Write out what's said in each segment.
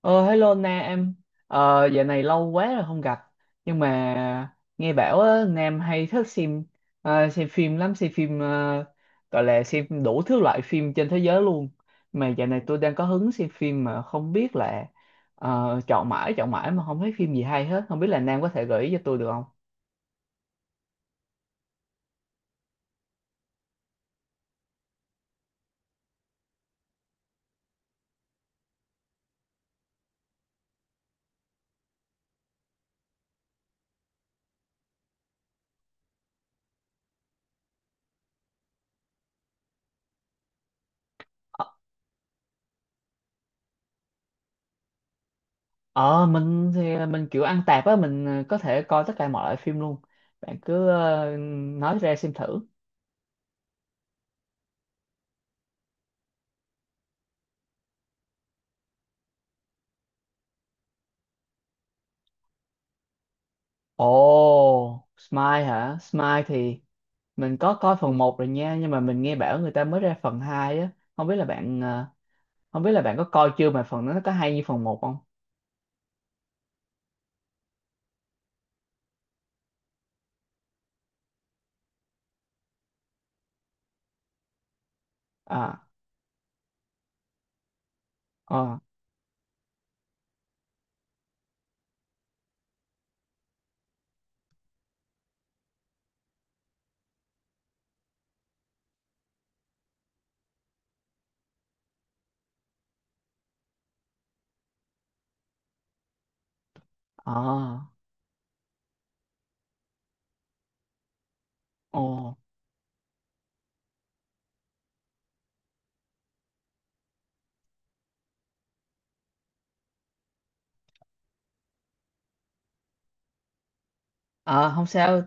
Ờ, hello Na em, dạo này lâu quá rồi không gặp. Nhưng mà nghe bảo á, Nam hay thích xem phim lắm, gọi là xem đủ thứ loại phim trên thế giới luôn. Mà dạo này tôi đang có hứng xem phim mà không biết là, chọn mãi mà không thấy phim gì hay hết. Không biết là Nam có thể gợi ý cho tôi được không? Ờ, ờ, mình thì mình kiểu ăn tạp á, mình có thể coi tất cả mọi loại phim luôn. Bạn cứ nói ra xem thử. Ồ, Smile hả? Smile thì mình có coi phần một rồi nha, nhưng mà mình nghe bảo người ta mới ra phần 2 á. Không biết là bạn ờ, không biết là bạn có coi chưa mà phần đó nó có hay như phần một không à ờ ờ ồ Ờ không sao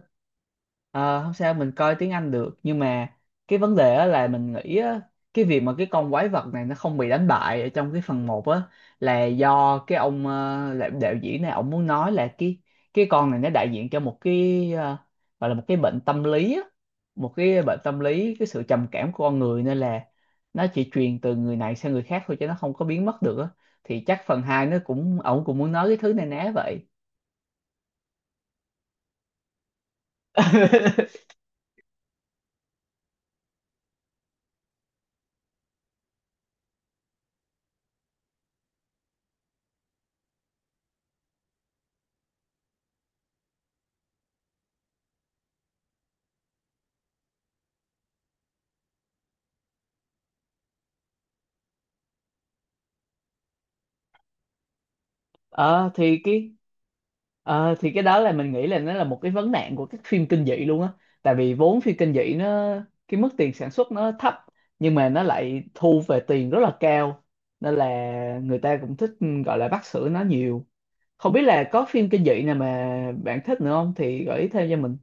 ờ, không sao, mình coi tiếng Anh được, nhưng mà cái vấn đề á là mình nghĩ á, cái việc mà cái con quái vật này nó không bị đánh bại ở trong cái phần một á là do cái ông, đạo diễn này ông muốn nói là cái, con này nó đại diện cho một cái, gọi là một cái bệnh tâm lý á, một cái bệnh tâm lý, cái sự trầm cảm của con người, nên là nó chỉ truyền từ người này sang người khác thôi chứ nó không có biến mất được á. Thì chắc phần 2 nó cũng, ổng cũng muốn nói cái thứ này ná vậy. ờ thì cái thì cái đó là mình nghĩ là nó là một cái vấn nạn của các phim kinh dị luôn á. Tại vì vốn phim kinh dị nó, cái mức tiền sản xuất nó thấp nhưng mà nó lại thu về tiền rất là cao, nên là người ta cũng thích, gọi là bắt sữa nó nhiều. Không biết là có phim kinh dị nào mà bạn thích nữa không thì gợi ý thêm cho mình.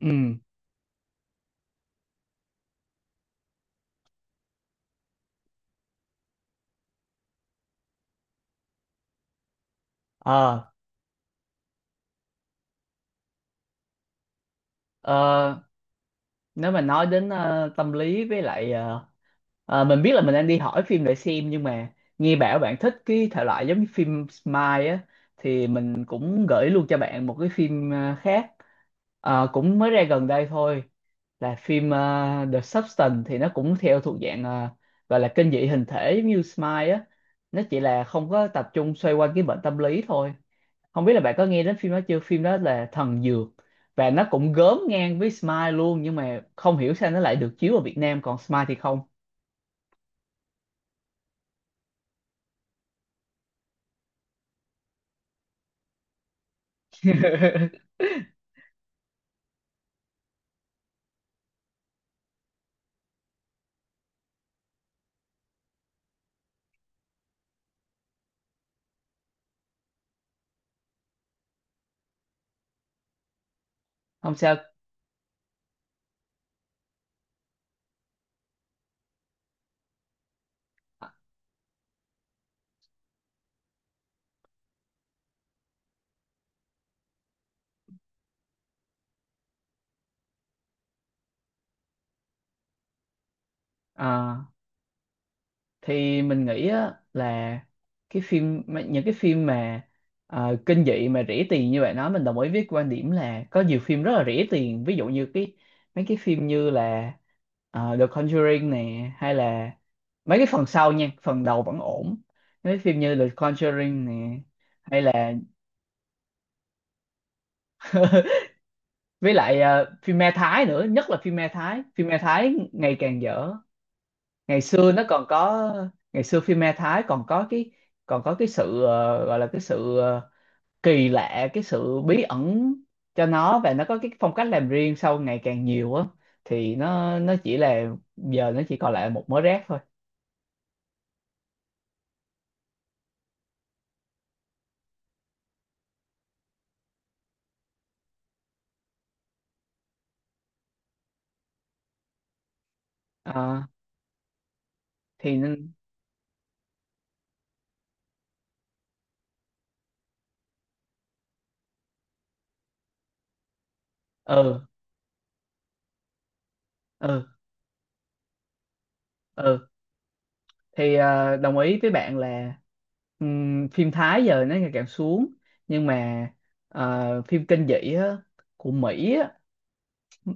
Ừ. Ờ. ờ, Nếu mà nói đến, tâm lý với lại, mình biết là mình đang đi hỏi phim để xem, nhưng mà nghe bảo bạn thích cái thể loại giống như phim Smile á, thì mình cũng gửi luôn cho bạn một cái phim khác. Ờ, cũng mới ra gần đây thôi, là phim The Substance, thì nó cũng theo thuộc dạng, gọi là kinh dị hình thể giống như Smile á, nó chỉ là không có tập trung xoay quanh cái bệnh tâm lý thôi. Không biết là bạn có nghe đến phim đó chưa, phim đó là Thần Dược, và nó cũng gớm ngang với Smile luôn, nhưng mà không hiểu sao nó lại được chiếu ở Việt Nam còn Smile thì không. Không sao. À, thì mình nghĩ á, là những cái phim mà kinh dị mà rỉ tiền như bạn nói, mình đồng ý với quan điểm là có nhiều phim rất là rỉ tiền. Ví dụ như cái, mấy cái phim như là The Conjuring nè, hay là mấy cái phần sau nha, phần đầu vẫn ổn. Mấy phim như The Conjuring nè, hay là với lại phim ma Thái nữa. Nhất là phim ma Thái, phim ma Thái ngày càng dở. ngày xưa nó còn có Ngày xưa phim ma Thái còn có cái sự, gọi là cái sự, kỳ lạ, cái sự bí ẩn cho nó, và nó có cái phong cách làm riêng. Sau ngày càng nhiều á thì nó chỉ là, giờ nó chỉ còn lại một mớ rác thôi. Ờ, thì ừ, ừ, ừ, thì đồng ý với bạn là, phim Thái giờ nó ngày càng xuống, nhưng mà phim kinh dị á, của Mỹ. Ừ,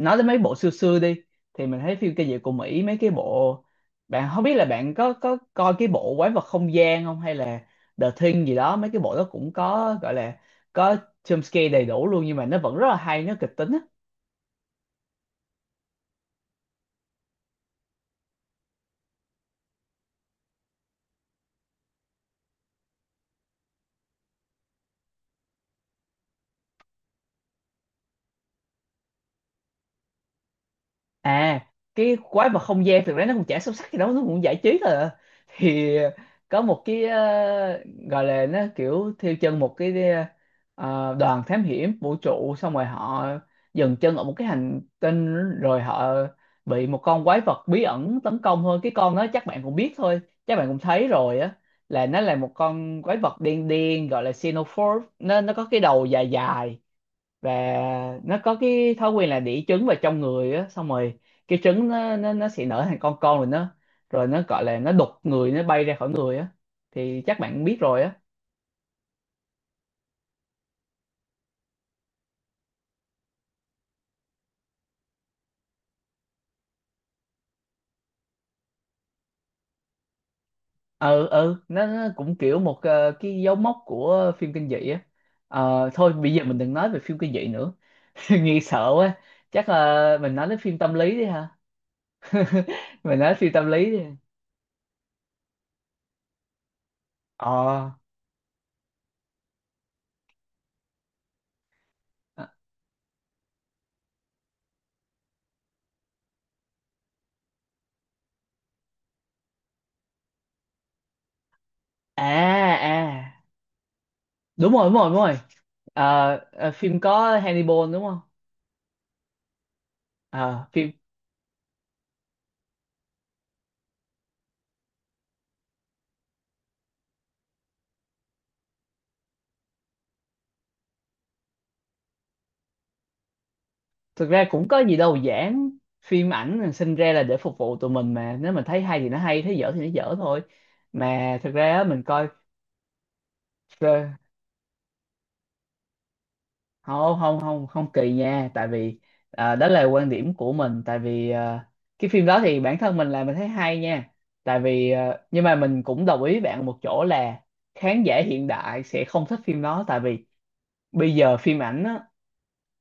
nói đến mấy bộ xưa xưa đi, thì mình thấy phim kinh dị của Mỹ mấy cái bộ, bạn không biết là bạn có coi cái bộ Quái vật không gian không, hay là The Thing gì đó. Mấy cái bộ đó cũng có, gọi là có jump scare đầy đủ luôn, nhưng mà nó vẫn rất là hay, nó kịch tính á. À, cái Quái vật không gian thực ra nó cũng chả sâu sắc gì đâu, nó cũng giải trí thôi à. Thì có một cái, gọi là nó kiểu theo chân một cái, đoàn thám hiểm vũ trụ, xong rồi họ dừng chân ở một cái hành tinh, rồi họ bị một con quái vật bí ẩn tấn công thôi. Cái con đó chắc bạn cũng biết thôi, chắc bạn cũng thấy rồi á, là nó là một con quái vật đen đen, gọi là Xenomorph. Nó có cái đầu dài dài, và nó có cái thói quen là đĩ trứng vào trong người á, xong rồi cái trứng nó sẽ nở thành con, rồi nó gọi là nó đục người, nó bay ra khỏi người á, thì chắc bạn biết rồi á. Ừ, ừ, nó cũng kiểu một, cái dấu mốc của phim kinh dị á. Ờ, thôi bây giờ mình đừng nói về phim kinh dị nữa. Nghe sợ quá. Chắc là mình nói đến phim tâm lý đi ha. Mình nói phim tâm lý đi. Ờ. À. À. Đúng rồi, đúng rồi, đúng rồi. Ờ, phim có Hannibal đúng không? Ờ, phim thực ra cũng có gì đâu giảng, phim ảnh là sinh ra là để phục vụ tụi mình mà, nếu mình thấy hay thì nó hay, thấy dở thì nó dở thôi. Mà thực ra á, mình coi, ờ, không, không, không, không kỳ nha. Tại vì đó là quan điểm của mình. Tại vì cái phim đó thì bản thân mình là mình thấy hay nha. Tại vì nhưng mà mình cũng đồng ý với bạn một chỗ là khán giả hiện đại sẽ không thích phim đó. Tại vì bây giờ phim ảnh á,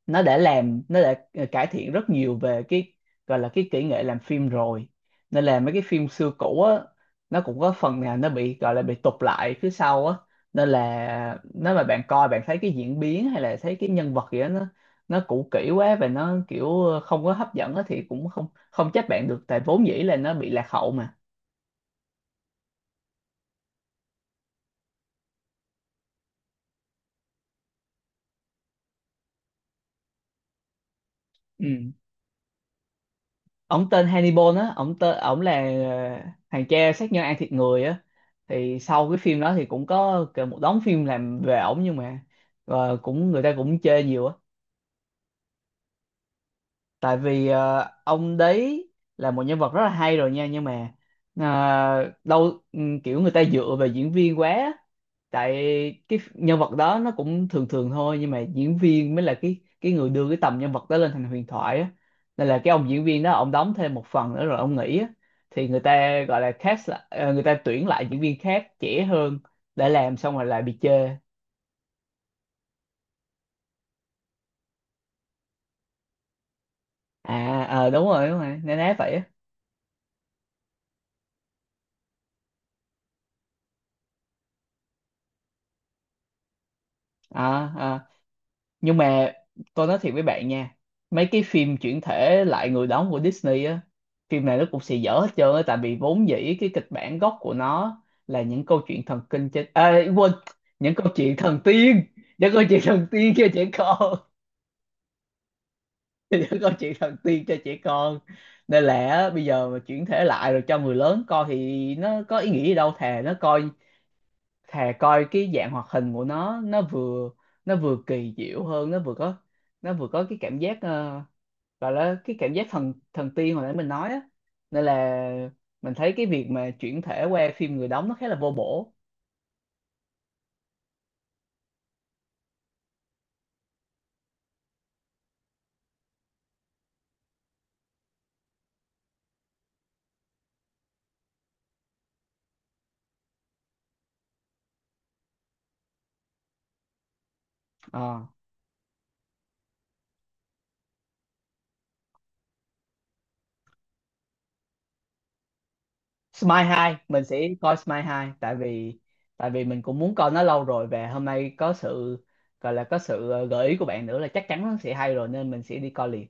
nó đã cải thiện rất nhiều về cái gọi là cái kỹ nghệ làm phim rồi. Nên là mấy cái phim xưa cũ á, nó cũng có phần nào nó bị gọi là bị tụt lại phía sau á. Nên là nếu mà bạn coi bạn thấy cái diễn biến hay là thấy cái nhân vật gì đó nó cũ kỹ quá và nó kiểu không có hấp dẫn á, thì cũng không không trách bạn được, tại vốn dĩ là nó bị lạc hậu mà. Ừ, ông tên Hannibal á, ông tên ông là thằng cha sát nhân ăn thịt người á. Thì sau cái phim đó thì cũng có kể một đống phim làm về ổng, nhưng mà cũng, người ta cũng chê nhiều á. Tại vì ông đấy là một nhân vật rất là hay rồi nha, nhưng mà đâu, kiểu người ta dựa về diễn viên quá á. Tại cái nhân vật đó nó cũng thường thường thôi, nhưng mà diễn viên mới là cái người đưa cái tầm nhân vật đó lên thành huyền thoại á. Nên là cái ông diễn viên đó, ông đóng thêm một phần nữa rồi ông nghỉ á. Thì người ta gọi là cast lại, người ta tuyển lại diễn viên khác trẻ hơn để làm, xong rồi lại bị chê. À, đúng rồi, đúng rồi, nên nói vậy á. À. Ờ. Nhưng mà tôi nói thiệt với bạn nha, mấy cái phim chuyển thể lại người đóng của Disney á, phim này nó cũng xì dở hết trơn á. Tại vì vốn dĩ cái kịch bản gốc của nó là những câu chuyện thần kinh trên, à, quên, những câu chuyện thần tiên, những câu chuyện thần tiên cho trẻ con. Những câu chuyện thần tiên cho trẻ con. Nên là á, bây giờ mà chuyển thể lại rồi cho người lớn coi thì nó có ý nghĩa gì đâu. Thà nó coi, thà coi cái dạng hoạt hình của nó vừa, nó vừa kỳ diệu hơn, nó vừa có, nó vừa có cái cảm giác, gọi là cái cảm giác thần thần tiên hồi nãy mình nói á. Nên là mình thấy cái việc mà chuyển thể qua phim người đóng nó khá là vô bổ. Ờ. Smile 2 mình sẽ coi Smile 2, tại vì mình cũng muốn coi nó lâu rồi, và hôm nay có sự, gọi là có sự, gợi ý của bạn nữa, là chắc chắn nó sẽ hay rồi, nên mình sẽ đi coi liền.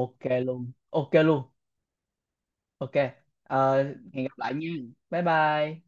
Ok luôn, ok luôn, ok. Ờ, hẹn gặp lại nha, bye bye.